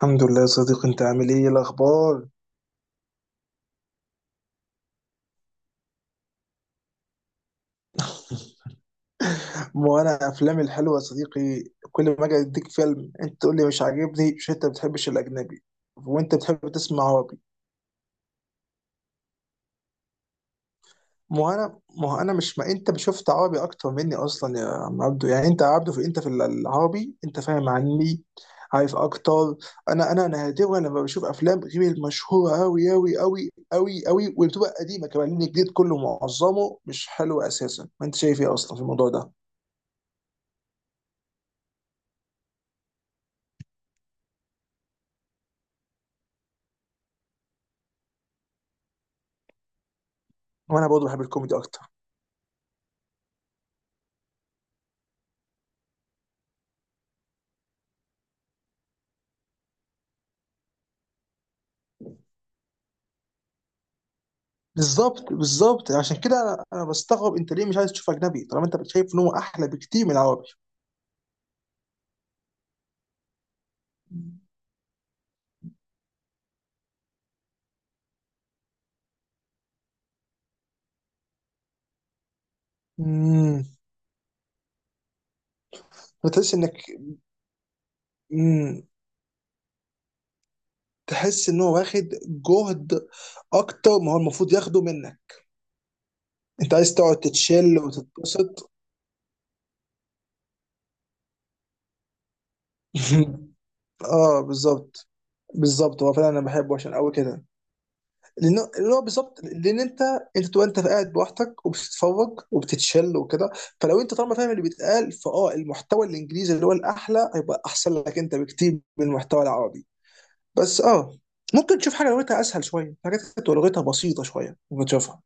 الحمد لله يا صديقي، انت عامل إيه الاخبار؟ وانا افلامي الحلوه يا صديقي. كل ما اجي اديك فيلم انت تقول لي مش عاجبني. مش انت بتحبش الاجنبي وانت بتحب تسمع عربي؟ ما انا ما انا مش ما انت شفت عربي اكتر مني اصلا يا عم عبدو. يعني انت يا عبدو، في العربي انت فاهم عني، عارف اكتر. انا نادرا لما بشوف افلام غير المشهوره قوي قوي قوي قوي قوي، وبتبقى قديمه كمان، لان الجديد كله معظمه مش حلو اساسا. ما انت شايف ايه اصلا في الموضوع ده؟ وانا برضه بحب الكوميدي اكتر. بالظبط بالظبط، عشان كده انا بستغرب انت ليه مش عايز تشوف اجنبي طالما انت شايف ان هو احلى بكتير من العربي. امم بتحس انك، امم تحس ان هو واخد جهد اكتر ما هو المفروض ياخده منك. انت عايز تقعد تتشل وتتبسط. اه بالظبط بالظبط. هو فعلا انا بحبه عشان قوي كده، لان اللي هو بالظبط، لان انت تبقى انت قاعد لوحدك وبتتفرج وبتتشل وكده. فلو انت طالما فاهم اللي بيتقال، فاه، المحتوى الانجليزي اللي هو الاحلى هيبقى احسن لك انت بكتير من المحتوى العربي. بس اه، ممكن تشوف حاجه لغتها اسهل شويه. حاجات كانت لغتها بسيطه شويه ممكن تشوفها.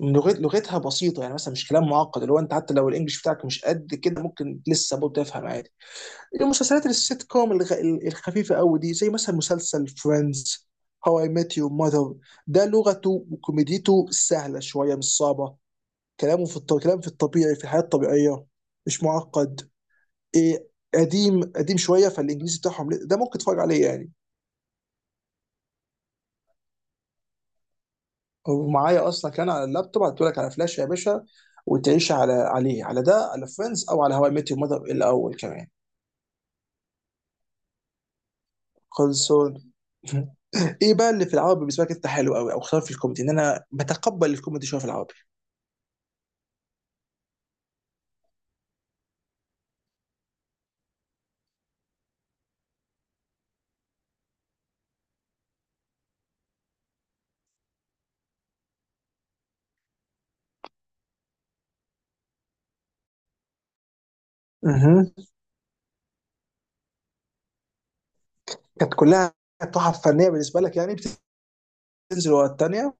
لغتها بسيطه، يعني مثلا مش كلام معقد، اللي هو انت حتى لو الانجليش بتاعك مش قد كده ممكن لسه برضه تفهم عادي. المسلسلات السيت كوم الخفيفه قوي دي، زي مثلا مسلسل فريندز، هاو اي ميت يور ماذر. ده لغته وكوميديته سهله شويه، مش صعبه. كلام في الطبيعي، في الحياه الطبيعيه، مش معقد. إيه، قديم قديم شويه فالانجليزي بتاعهم، ده ممكن تتفرج عليه يعني. ومعايا اصلا كان على اللابتوب، هتقولك على فلاش يا باشا، وتعيش على فريندز او على هواي ميت يور ماذر الاول كمان. خلصون. ايه بقى اللي في العربي بالنسبه لك انت حلو قوي، او خصوصا في الكوميدي؟ ان انا بتقبل الكوميدي شويه في العربي. اها، كانت كلها تحف فنيه بالنسبه لك يعني؟ بتنزل ورا الثانيه.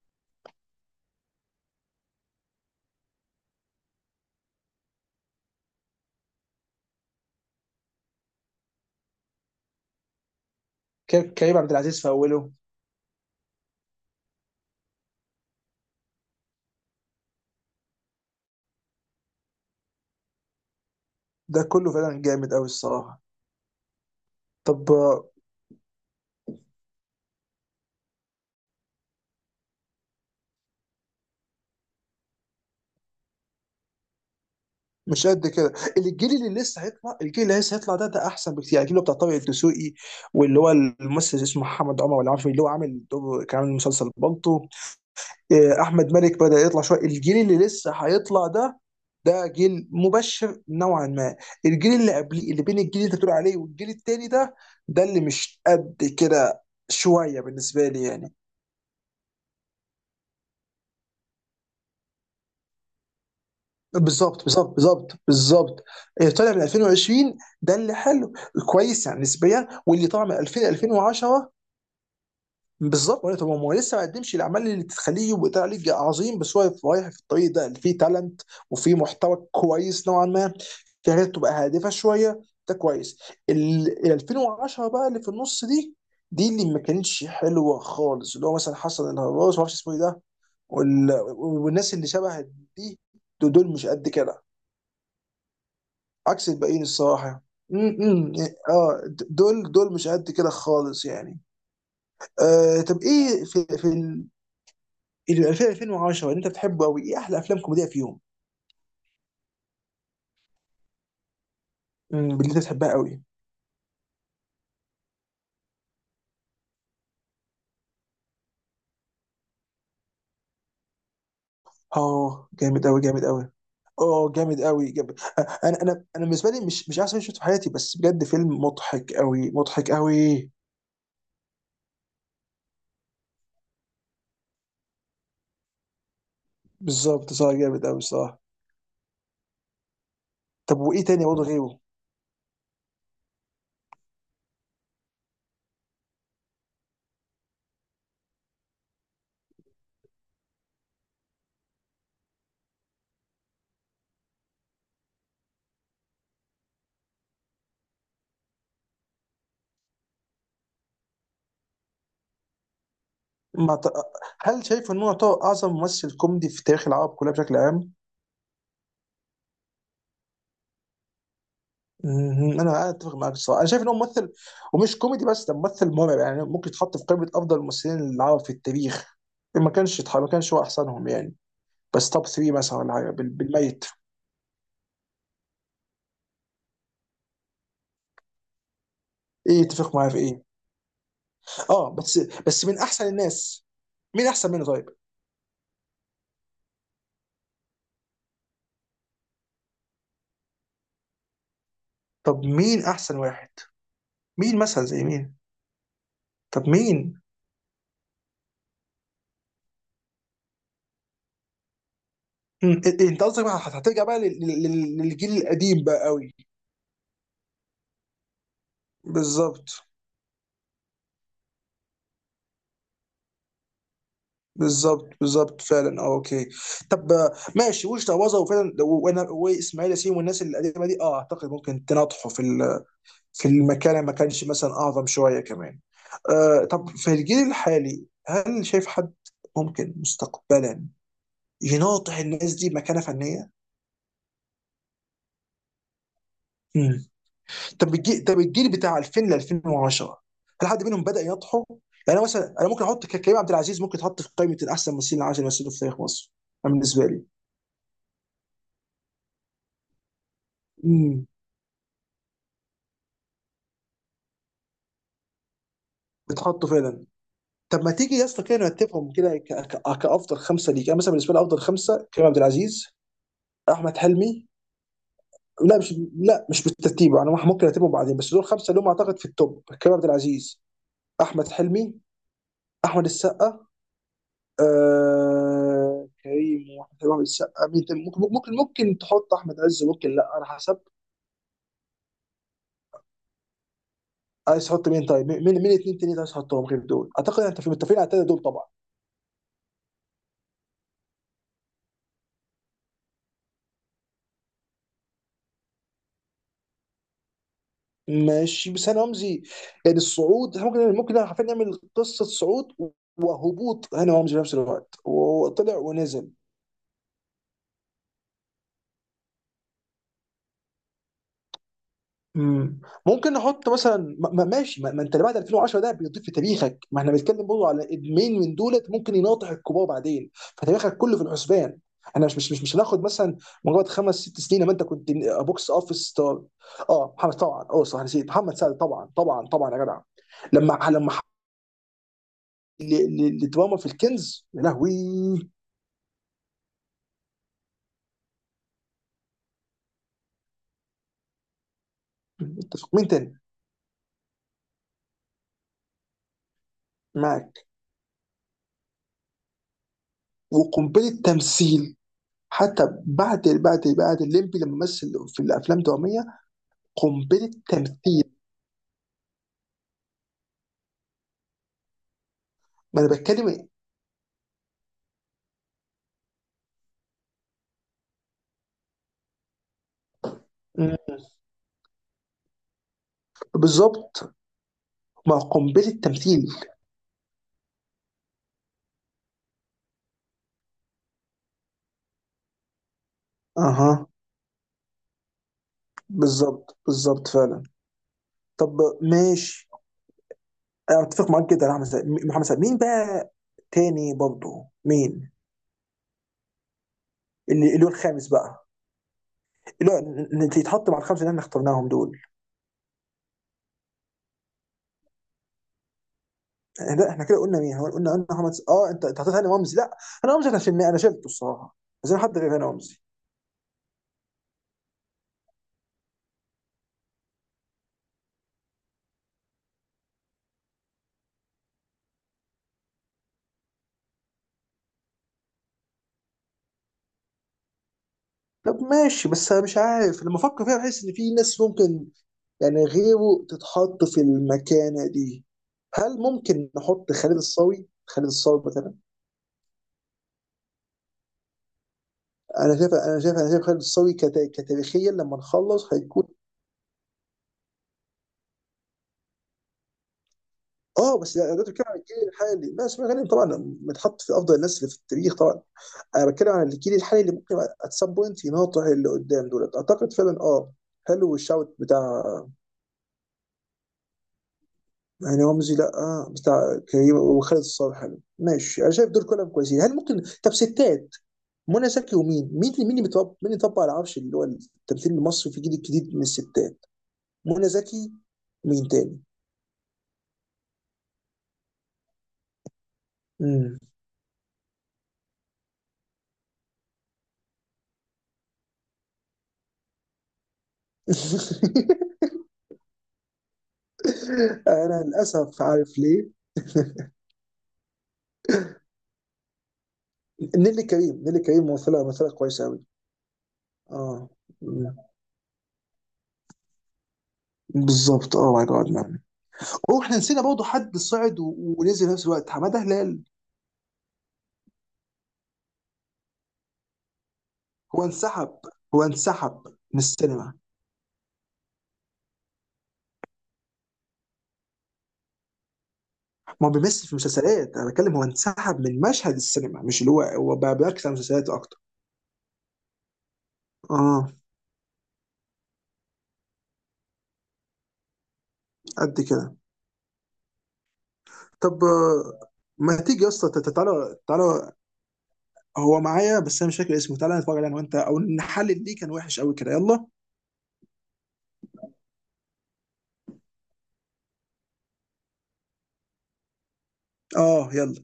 كريم عبد العزيز في اوله. ده كله فعلا جامد قوي الصراحه. طب آه، مش قد كده الجيل اللي لسه هيطلع الجيل اللي لسه هيطلع ده ده احسن بكتير يعني الجيل اللي هو بتاع طارق الدسوقي واللي هو الممثل اسمه محمد عمر ولا عارف اللي هو عامل دور كان عامل مسلسل بالطو آه، احمد مالك بدا يطلع شويه الجيل اللي لسه هيطلع ده ده جيل مبشر نوعا ما الجيل اللي قبليه اللي بين الجيل اللي انت بتقول عليه والجيل التاني ده ده اللي مش قد كده شويه بالنسبه لي يعني بالظبط بالظبط بالظبط بالظبط اللي طالع من 2020 ده اللي حلو كويس يعني نسبيا واللي طالع من 2000 2010 بالظبط ولا طب هو لسه ما قدمش الاعمال اللي تخليه يبقى طالع ليج عظيم بس هو رايح في الطريق ده اللي فيه تالنت وفيه محتوى كويس نوعا ما في حاجات تبقى هادفه شويه ده كويس ال ال 2010 بقى اللي في النص دي دي اللي ما كانتش حلوه خالص اللي هو مثلا حسن الهرباس ما اعرفش اسمه ايه ده وال- والناس اللي شبه دي دول دول مش قد كده عكس الباقيين الصراحه امم اه د- دول دول مش قد كده خالص يعني آه طب ايه في في اللي 2000 2010 اللي انت بتحبه قوي ايه احلى افلام كوميديه فيهم اللي انت بتحبها قوي اه جامد قوي جامد قوي اه جامد قوي جامد انا انا انا بالنسبه لي مش مش احسن فيلم شفته في حياتي بس بجد فيلم مضحك قوي مضحك قوي بالظبط صح جامد قوي صح طب وايه تاني برضه غيره ما ت... هل شايف ان هو يعتبر اعظم ممثل كوميدي في تاريخ العرب كلها بشكل عام مهم. انا اتفق معاك الصراحه انا شايف ان هو ممثل ومش كوميدي بس ده ممثل مرعب يعني ممكن يتحط في قائمه افضل الممثلين العرب في التاريخ ما كانش يتح- ما كانش هو احسنهم يعني بس توب 3 مثلا ولا حاجه بال- بالميت ايه اتفق معايا في ايه اه بس بس من احسن الناس مين احسن منه طيب طب مين احسن واحد مين مثلا زي مين طب مين مم. إيه- إيه، انت قصدك بقى هت- هترجع بقى لل- لل- للجيل القديم بقى قوي بالظبط بالظبط بالظبط فعلا اه اوكي طب آه، ماشي. وش تعوضه، وفعلا، وانا واسماعيل ياسين والناس القديمه دي، اه، اعتقد ممكن تناطحوا في في المكان اللي ما كانش مثلا اعظم شويه كمان. آه طب في الجيل الحالي، هل شايف حد ممكن مستقبلا يناطح الناس دي مكانه فنيه؟ مم. طب الجيل بتاع 2000 ل 2010، هل حد منهم بدأ يناطحه؟ يعني أنا مثلا، انا ممكن احط كريم عبد العزيز ممكن تحط في قائمه الاحسن ممثلين العشر اللي مثلوا في تاريخ مصر، أنا بالنسبه لي. امم، بتحطه فعلا. طب ما تيجي يا اسطى كده نرتبهم كده، كافضل خمسه ليك. انا مثلا بالنسبه لي افضل خمسه، كريم عبد العزيز، احمد حلمي. لا مش بالترتيب، انا ممكن ارتبهم بعدين، بس دول خمسه اللي هم اعتقد في التوب، كريم عبد العزيز، احمد حلمي، احمد السقا. آه، كريم واحمد حلمي وأحمد السقا، مين تاني؟ ممكن ممكن ممكن تحط احمد عز، ممكن لا على حسب. عايز تحط مين طيب؟ مين مين اتنين تاني عايز تحطهم غير دول؟ اعتقد انت في متفقين على التلاته دول طبعا. ماشي، بس هاني رمزي، يعني الصعود، إحنا ممكن ممكن حرفيا نعمل قصه صعود وهبوط هاني رمزي في نفس الوقت، وطلع ونزل. امم، ممكن نحط مثلا، ماشي، ما انت اللي بعد 2010 ده بيضيف في تاريخك، ما احنا بنتكلم برضه على ادمين من دولت ممكن يناطح الكبار بعدين، فتاريخك كله في الحسبان. انا مش هناخد مثلا مجرد خمس ست سنين لما انت كنت بوكس اوفيس ستار. اه محمد، طبعا، اه صح، نسيت محمد سعد. طبعا طبعا طبعا يا جدع. لما لما لدراما في الكنز يا لهوي. اتفق مين تاني معاك. وقنبله تمثيل حتى بعد الليمبي لما مثل في الافلام الدراميه. قنبله تمثيل، ما انا بتكلم. مم. بالظبط، ما قنبله تمثيل. اها، بالظبط بالظبط فعلا. طب ماشي. أنا اتفق معاك جدا يا احمد سعد، محمد سعد، مين بقى تاني برضه؟ مين اللي اللي هو الخامس بقى، اللي هو يتحط مع الخمسه اللي احنا اخترناهم دول؟ لا احنا كده قلنا مين؟ هو قلنا محمد س- اه انت حطيت هاني رمزي. لا، هاني رمزي انا شلناه انا شلته الصراحه، عايزين حد غير هاني رمزي. طب ماشي، بس انا مش عارف، لما افكر فيها بحس ان في ناس ممكن يعني غيره تتحط في المكانه دي. هل ممكن نحط خالد الصاوي؟ خالد الصاوي مثلا. انا شايف خالد الصاوي كتاريخيا لما نخلص هيكون. اه بس لا، ده بتتكلم عن الجيل الحالي بس، ما غالبا طبعا متحط في افضل الناس اللي في التاريخ طبعا. انا بتكلم عن الجيل الحالي اللي ممكن ات سام بوينت يناطح اللي قدام دولت، اعتقد فعلا اه، حلو الشوت بتاع، يعني رمزي، لا آه، بتاع كريم وخالد الصالح حلو. ماشي، انا شايف دول كلهم كويسين. هل ممكن طب ستات؟ منى زكي ومين مين اللي- مين اللي بيطبق، مين اللي طبق على العرش اللي هو التمثيل المصري في الجيل الجديد من الستات؟ منى زكي، مين تاني؟ مم. انا للاسف عارف ليه. نيلي كريم، نيلي كريم ممثله، ممثله كويسه قوي. اه. مم. بالظبط، اه، ماي جاد مان. هو احنا نسينا برضه حد صعد ونزل في نفس الوقت، حماده هلال. هو انسحب هو انسحب من السينما. ما هو بيمثل في مسلسلات، انا بتكلم هو انسحب من مشهد السينما، مش اللي هو هو بقى بيركز على مسلسلات اكتر. اه، قد كده. طب آه، ما تيجي يا اسطى، تعالى تعالى. هو معايا، بس انا مش فاكر اسمه. تعالى نتفرج عليه انا وانت، او نحلل ليه كان وحش قوي كده. يلا. اه يلا.